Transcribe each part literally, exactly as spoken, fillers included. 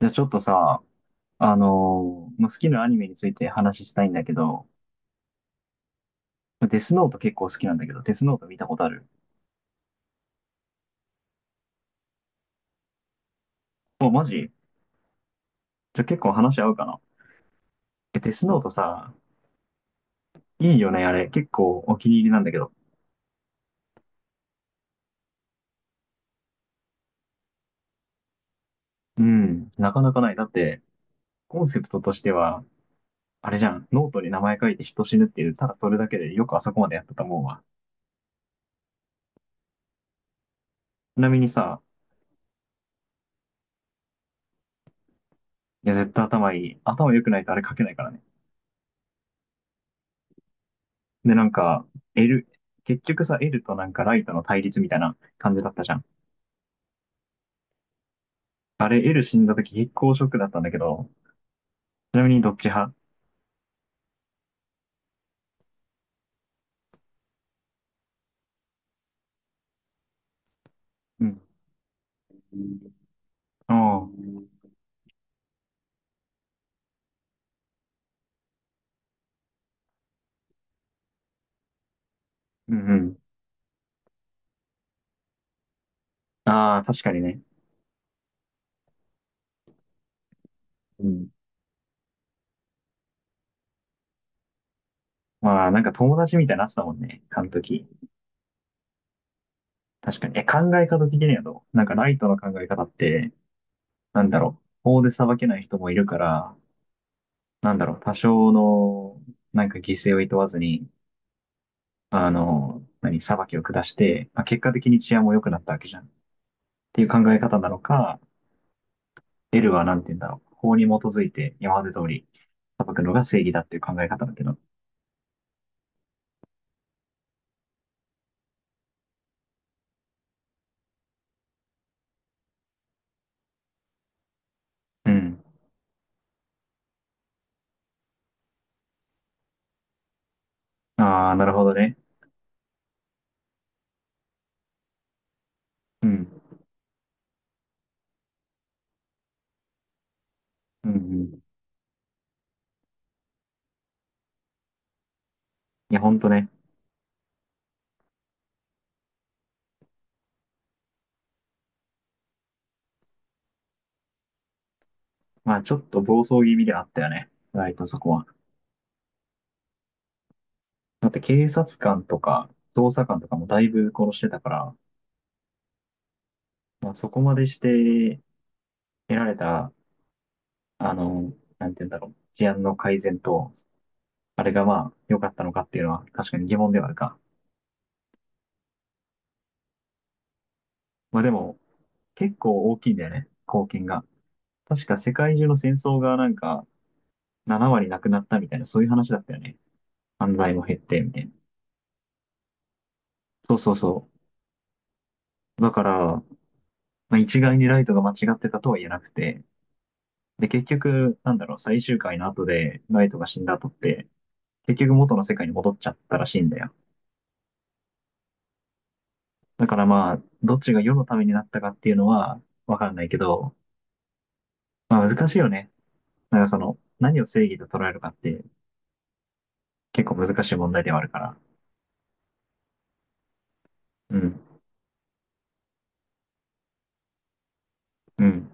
じゃあちょっとさ、あのーまあ、好きなアニメについて話したいんだけど、デスノート結構好きなんだけど、デスノート見たことある？お、マジじゃあ結構話合うかな？えデスノートさ、いいよね、あれ。結構お気に入りなんだけど。うん、なかなかない。だって、コンセプトとしては、あれじゃん、ノートに名前書いて人死ぬっていう、ただそれだけでよくあそこまでやったたもんわ。ちなみにさ、いや、絶対頭いい。頭良くないとあれ書けないからね。で、なんか、L、結局さ、L となんかライトの対立みたいな感じだったじゃん。あれ、L 死んだ時結構ショックだったんだけど、ちなみにどっち派？うん。ああ、うんうん。ああ、確かにね。うん。まあ、なんか友達みたいになってたもんね、あの時。確かに。え、考え方的にはどうなんかライトの考え方って、なんだろう。法で裁けない人もいるから、なんだろう、多少の、なんか犠牲をいとわずに、あの、何、裁きを下して、まあ、結果的に治安も良くなったわけじゃん。っていう考え方なのか、L はなんて言うんだろう。法に基づいて今まで通り裁くのが正義だっていう考え方だけど。うん。ああ、なるほどね。うん。うん、うん。いや、ほんとね。まあ、ちょっと暴走気味ではあったよね。ライトそこは。だって警察官とか、捜査官とかもだいぶ殺してたから、まあ、そこまでして得られた、あの、なんて言うんだろう。治安の改善と、あれがまあ、良かったのかっていうのは確かに疑問ではあるか。まあでも、結構大きいんだよね。貢献が。確か世界中の戦争がなんかななわり割なくなったみたいな、そういう話だったよね。犯罪も減って、みたいな。そうそうそう。だから、まあ、一概にライトが間違ってたとは言えなくて、で、結局、なんだろう、最終回の後でライトが死んだ後って、結局元の世界に戻っちゃったらしいんだよ。だからまあ、どっちが世のためになったかっていうのはわかんないけど、まあ難しいよね。なんかその、何を正義と捉えるかって結構難しい問題ではあるから。うん、うん、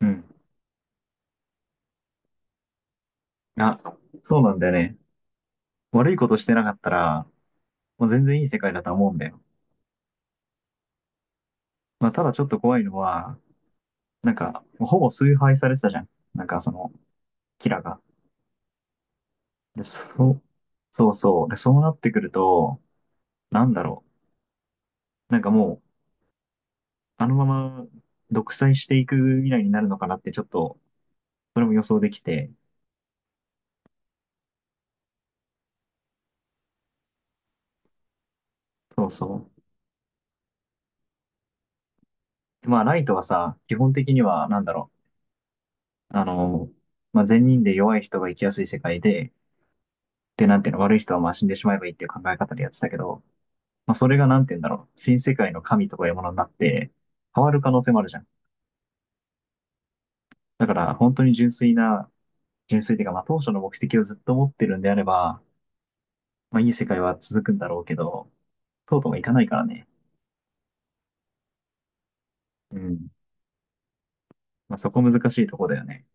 うん。あ、そうなんだよね。悪いことしてなかったら、もう全然いい世界だと思うんだよ。まあ、ただちょっと怖いのは、なんか、ほぼ崇拝されてたじゃん。なんかその、キラが。で、そう、そうそう。で、そうなってくると、なんだろう。なんかもう、あのまま独裁していく未来になるのかなってちょっと、それも予想できて、そうそう。でまあ、ライトはさ、基本的には、なんだろう。あの、まあ、善人で弱い人が生きやすい世界で、で、なんていうの、悪い人はまあ死んでしまえばいいっていう考え方でやってたけど、まあ、それがなんて言うんだろう。新世界の神とかいうものになって、変わる可能性もあるじゃん。だから、本当に純粋な、純粋というか、まあ、当初の目的をずっと持ってるんであれば、まあ、いい世界は続くんだろうけど、とうとういかないからね。うん。まあ、そこ難しいとこだよね。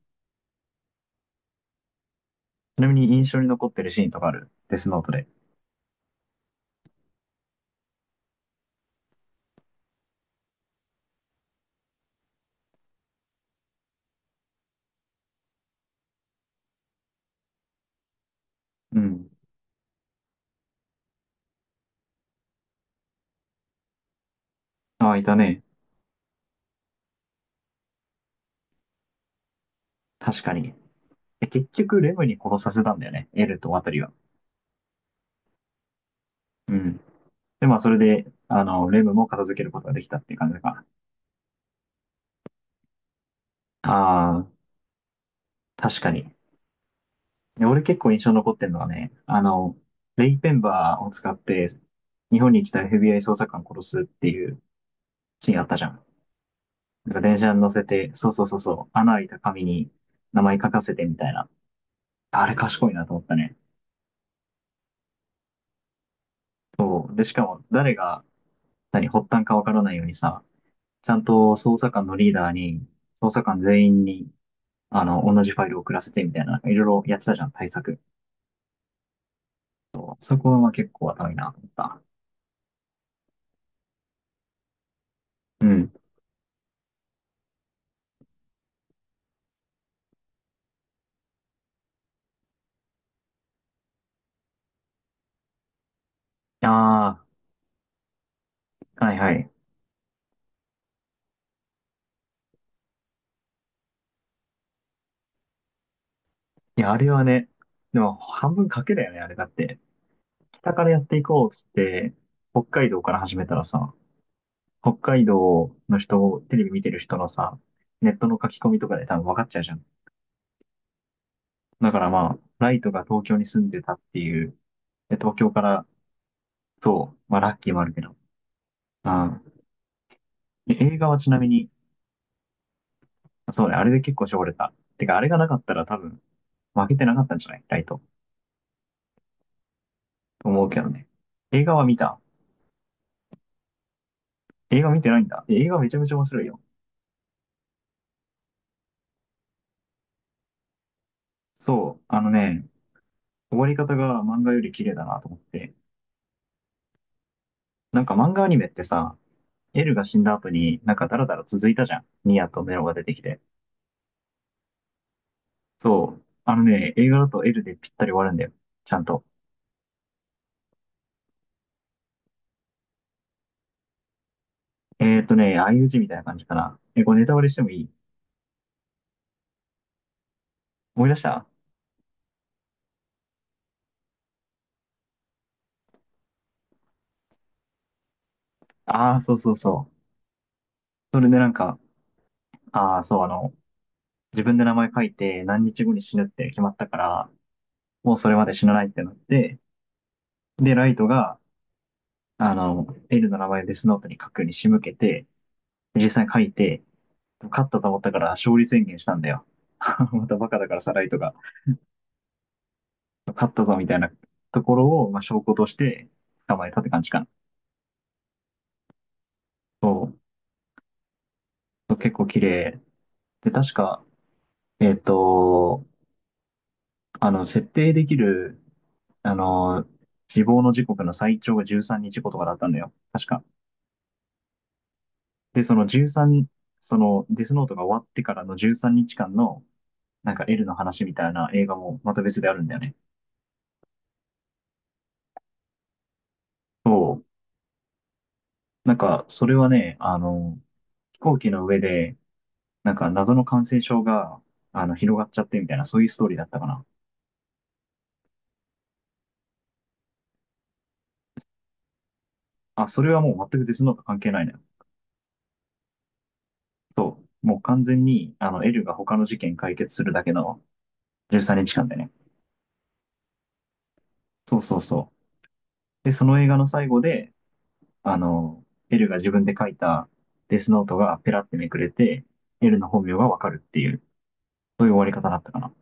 ちなみに印象に残ってるシーンとかある？デスノートで。うん。ああ、いたね。確かに。で結局、レムに殺させたんだよね。エルとワタリは。うん。で、まあ、それで、あの、レムも片付けることができたっていう感じかな。ああ、確かに。俺結構印象に残ってるのはね、あの、レイペンバーを使って日本に来た エフビーアイ 捜査官殺すっていうシーンあったじゃん。なんか電車に乗せて、そうそうそうそう、穴開いた紙に名前書かせてみたいな。あれ賢いなと思ったね。そう。で、しかも誰が何発端かわからないようにさ、ちゃんと捜査官のリーダーに、捜査官全員に、あの、同じファイルを送らせてみたいな、いろいろやってたじゃん、対策。そこは結構頭いいなと思った。うん。ああ、はいはい。いや、あれはね、でも半分賭けだよね、あれだって。北からやっていこうっつって、北海道から始めたらさ、北海道の人を、テレビ見てる人のさ、ネットの書き込みとかで多分分かっちゃうじゃん。だからまあ、ライトが東京に住んでたっていう、で東京からと、まあラッキーもあるけど。うん。映画はちなみに、そうね、あれで結構絞れた。てか、あれがなかったら多分、負けてなかったんじゃないライト。と思うけどね。映画は見た？映画見てないんだ。映画めちゃめちゃ面白いよ。そう、あのね、終わり方が漫画より綺麗だなと思って。なんか漫画アニメってさ、エルが死んだ後になんかダラダラ続いたじゃん。ニアとメロが出てきて。そう。あのね、映画だとエルでぴったり終わるんだよ。ちゃんと。えーとね、相打ちみたいな感じかな。え、これネタバレしてもいい？思い出した？ああー、そうそうそう。それでなんか、ああ、そう、あの、自分で名前書いて何日後に死ぬって決まったから、もうそれまで死なないってなって、で、ライトが、あの、エルの名前をデスノートに書くように仕向けて、実際に書いて、勝ったと思ったから勝利宣言したんだよ。またバカだからさらいとか、勝ったぞみたいなところを、まあ、証拠として捕まえたって感じかな。そう。結構綺麗。で、確か、えっ、と、あの、設定できる、あの、死亡の時刻の最長がじゅうさんにちごとかだったんだよ。確か。で、そのじゅうさん、そのデスノートが終わってからのじゅうさんにちかんの、なんか L の話みたいな映画もまた別であるんだよね。そう。なんか、それはね、あの、飛行機の上で、なんか謎の感染症が、あの、広がっちゃってみたいな、そういうストーリーだったかな。あ、それはもう全くデスノート関係ないのよ。そう。もう完全に、あの、エルが他の事件解決するだけのじゅうさんにちかんでね。そうそうそう。で、その映画の最後で、あの、エルが自分で書いたデスノートがペラってめくれて、エルの本名がわかるっていう、そういう終わり方だったかな。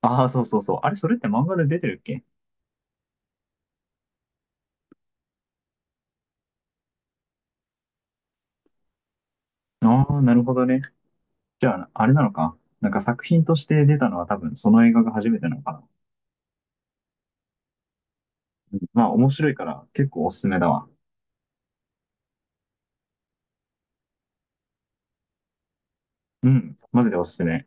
ああ、そうそうそう。あれ、それって漫画で出てるっけ？ああー、なるほどね。じゃあ、あれなのか。なんか作品として出たのは多分その映画が初めてなのかな。まあ面白いから結構おすすめだわ。うん、マジでおすすめ。